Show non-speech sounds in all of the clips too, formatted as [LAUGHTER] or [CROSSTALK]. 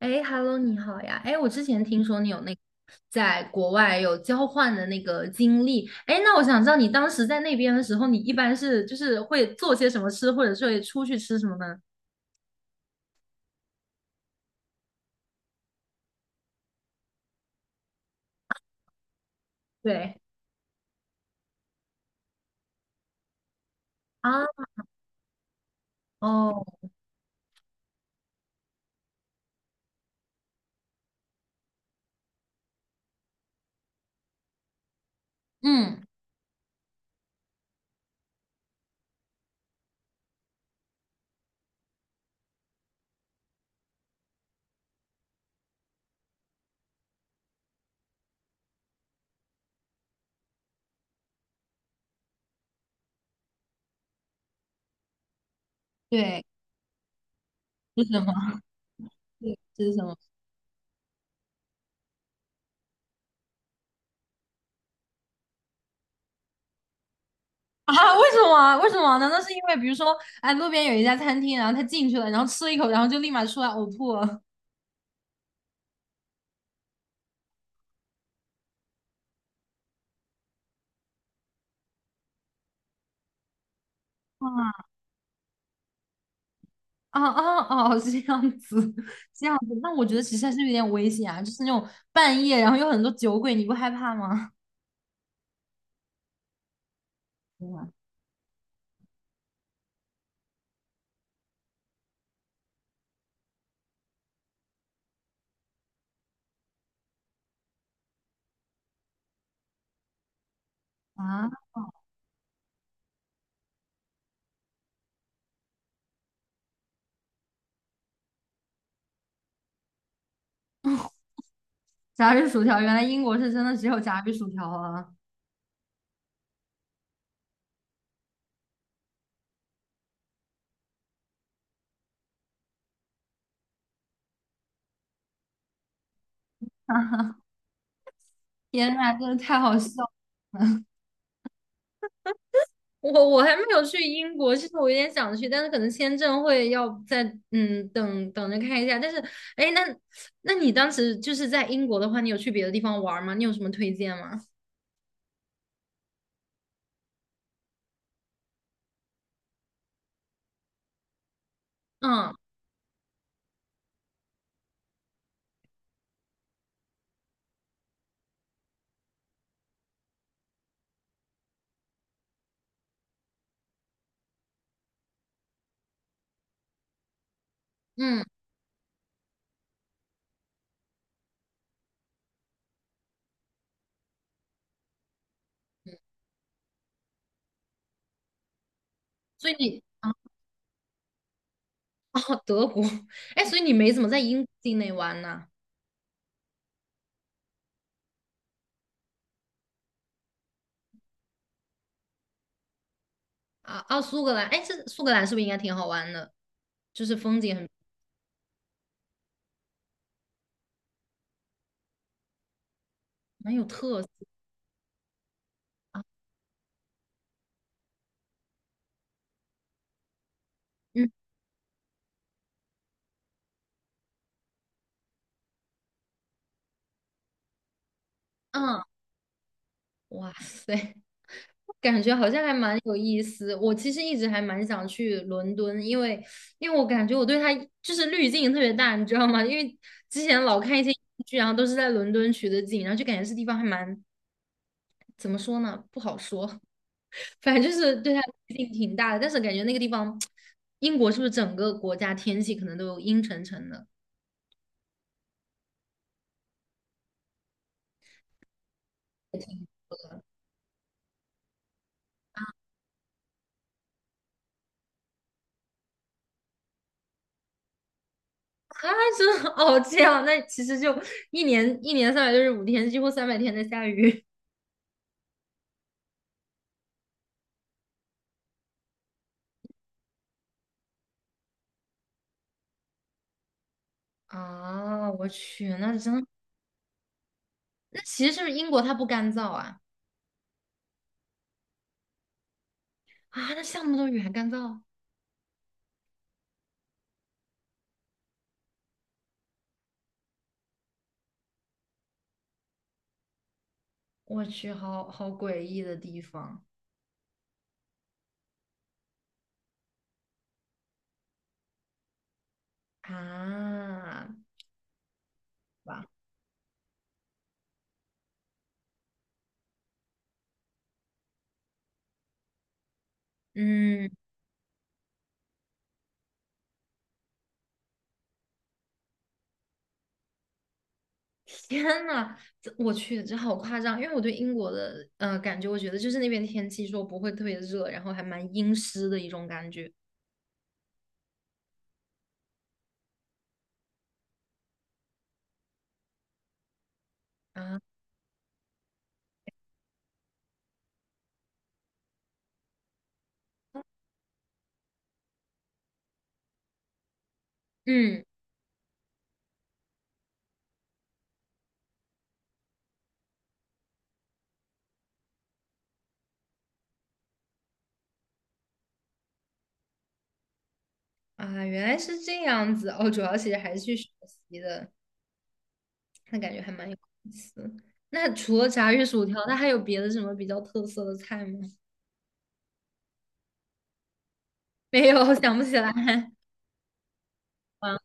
哎，Hello，你好呀！哎，我之前听说你有那个在国外有交换的那个经历，哎，那我想知道你当时在那边的时候，你一般就是会做些什么吃，或者是会出去吃什么呢？对啊。哦。嗯。对，是什么？[LAUGHS] 对，是什么？啊？为什么啊,为什么？难道是因为比如说，哎，路边有一家餐厅，然后他进去了，然后吃了一口，然后就立马出来呕吐了？哇。哦哦。哦，是这样子，[LAUGHS] 这样子。那我觉得其实还是有点危险啊，就是那种半夜，然后有很多酒鬼，你不害怕吗？天呐。啊，[LAUGHS] 炸鱼薯条，原来英国是真的只有炸鱼薯条啊！[LAUGHS] 天呐，真的太好笑了。我还没有去英国，其实我有点想去，但是可能签证会要在。嗯，等等着看一下。但是，哎，那你当时就是在英国的话，你有去别的地方玩儿吗？你有什么推荐吗？嗯。嗯，所以你。[LAUGHS] 哦，德国，哎，所以你没怎么在英国境内玩呢？啊。啊，苏格兰，哎，这苏格兰是不是应该挺好玩的？就是风景很蛮有特色啊。嗯。嗯，哇塞，感觉好像还蛮有意思。我其实一直还蛮想去伦敦，因为因为我感觉我对它就是滤镜特别大，你知道吗？因为之前老看一些英剧，然后都是在伦敦取的景，然后就感觉这地方还蛮怎么说呢，不好说。反正就是对他批评挺大的，但是感觉那个地方，英国是不是整个国家天气可能都阴沉沉的啊？真的哦，这样，那其实就一年365天，几乎三百天在下雨。 [LAUGHS] 啊！我去，那真。那其实是不是英国它不干燥啊？啊，那下那么多雨还干燥？我去，好，好诡异的地方啊！吧。嗯。天呐，这我去，这好夸张！因为我对英国的感觉，我觉得就是那边天气说不会特别热，然后还蛮阴湿的一种感觉啊。嗯。啊，原来是这样子哦，主要其实还是去学习的，那感觉还蛮有意思。那除了炸鱼薯条，那还有别的什么比较特色的菜吗？[LAUGHS] 没有，想不起来。啊，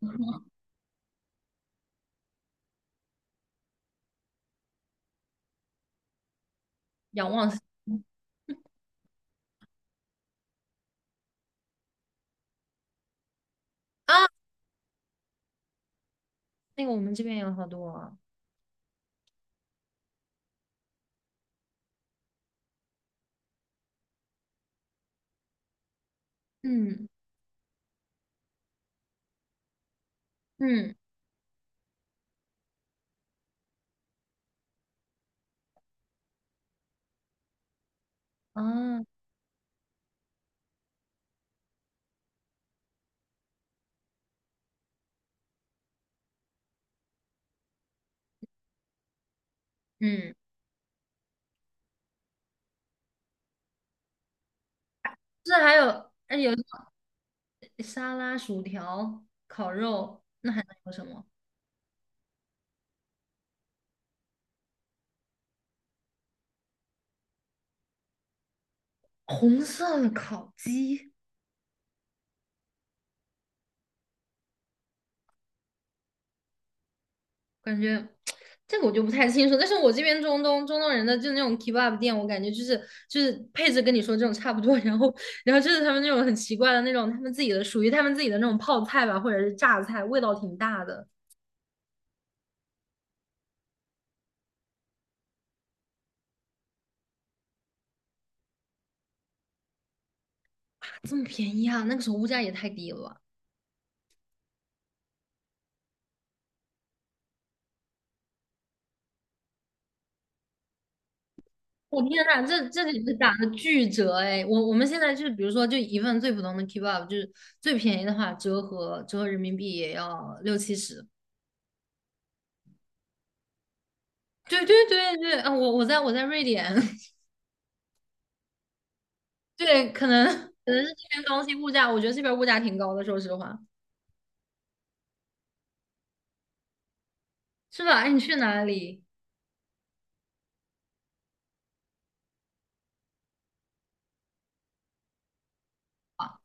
仰望星空啊，那个我们这边有好多啊。嗯。嗯。啊。嗯，就是还有。哎，有沙拉、薯条、烤肉，那还能有什么？红色的烤鸡，感觉 [TSK] 这个我就不太清楚。但是我这边中东人的就那种 kebab 店，我感觉就是就是配置跟你说这种差不多，[LAUGHS] 然后然后就是他们那种很奇怪的那种他们自己的属于他们自己的那种泡菜吧，或者是榨菜，味道挺大的。这么便宜啊？那个时候物价也太低了吧。我天呐，这这里是打的巨折哎！我们现在就是，比如说，就一份最普通的 kebab，就是最便宜的话，折合人民币也要60、70。对对对对，啊，我在瑞典，[LAUGHS] 对，可能。可能是这边东西物价，我觉得这边物价挺高的，说实话，是吧？哎，你去哪里啊？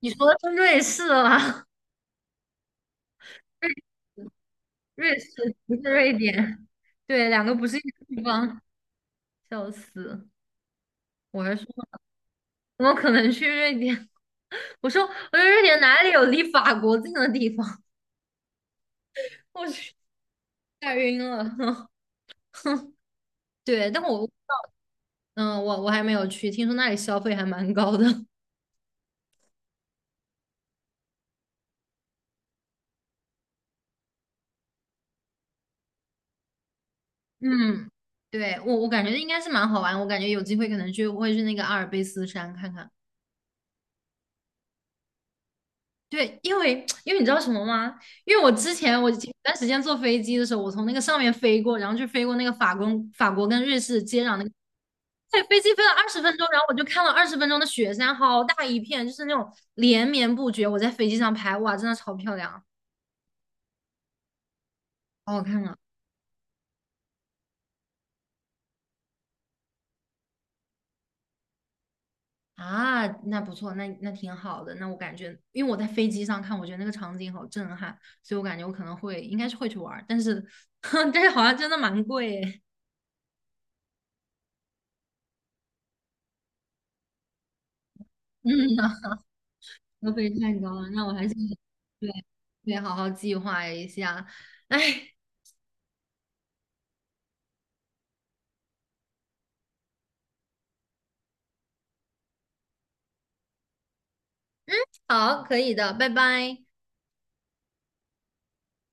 你说的是瑞士啦，[LAUGHS] 瑞瑞士不是瑞典，对，两个不是一个地方，笑死！我还说怎么可能去瑞典？我说，我说瑞典哪里有离法国近的地方？[LAUGHS] 我去，吓晕了。[LAUGHS] 对，但我。嗯，我还没有去，听说那里消费还蛮高的。[LAUGHS] 嗯，对，我感觉应该是蛮好玩，我感觉有机会可能去会去那个阿尔卑斯山看看。对，因为 [TSK] 因为你知道什么吗？因为我前段时间坐飞机的时候，我从那个上面飞过，然后就飞过那个法国跟瑞士接壤那个。在飞机飞了二十分钟，然后我就看了二十分钟的雪山，好大一片，就是那种连绵不绝。我在飞机上拍，哇，真的超漂亮，好，好看啊！啊，那不错，那那挺好的。那我感觉，因为我在飞机上看，我觉得那个场景好震撼，所以我感觉我可能会，应该是会去玩儿，但是 [LAUGHS] 但是好像真的蛮贵诶。嗯呐，[LAUGHS] 消费太高了，那我还是对，对好好计划一下。哎，好，可以的，拜拜。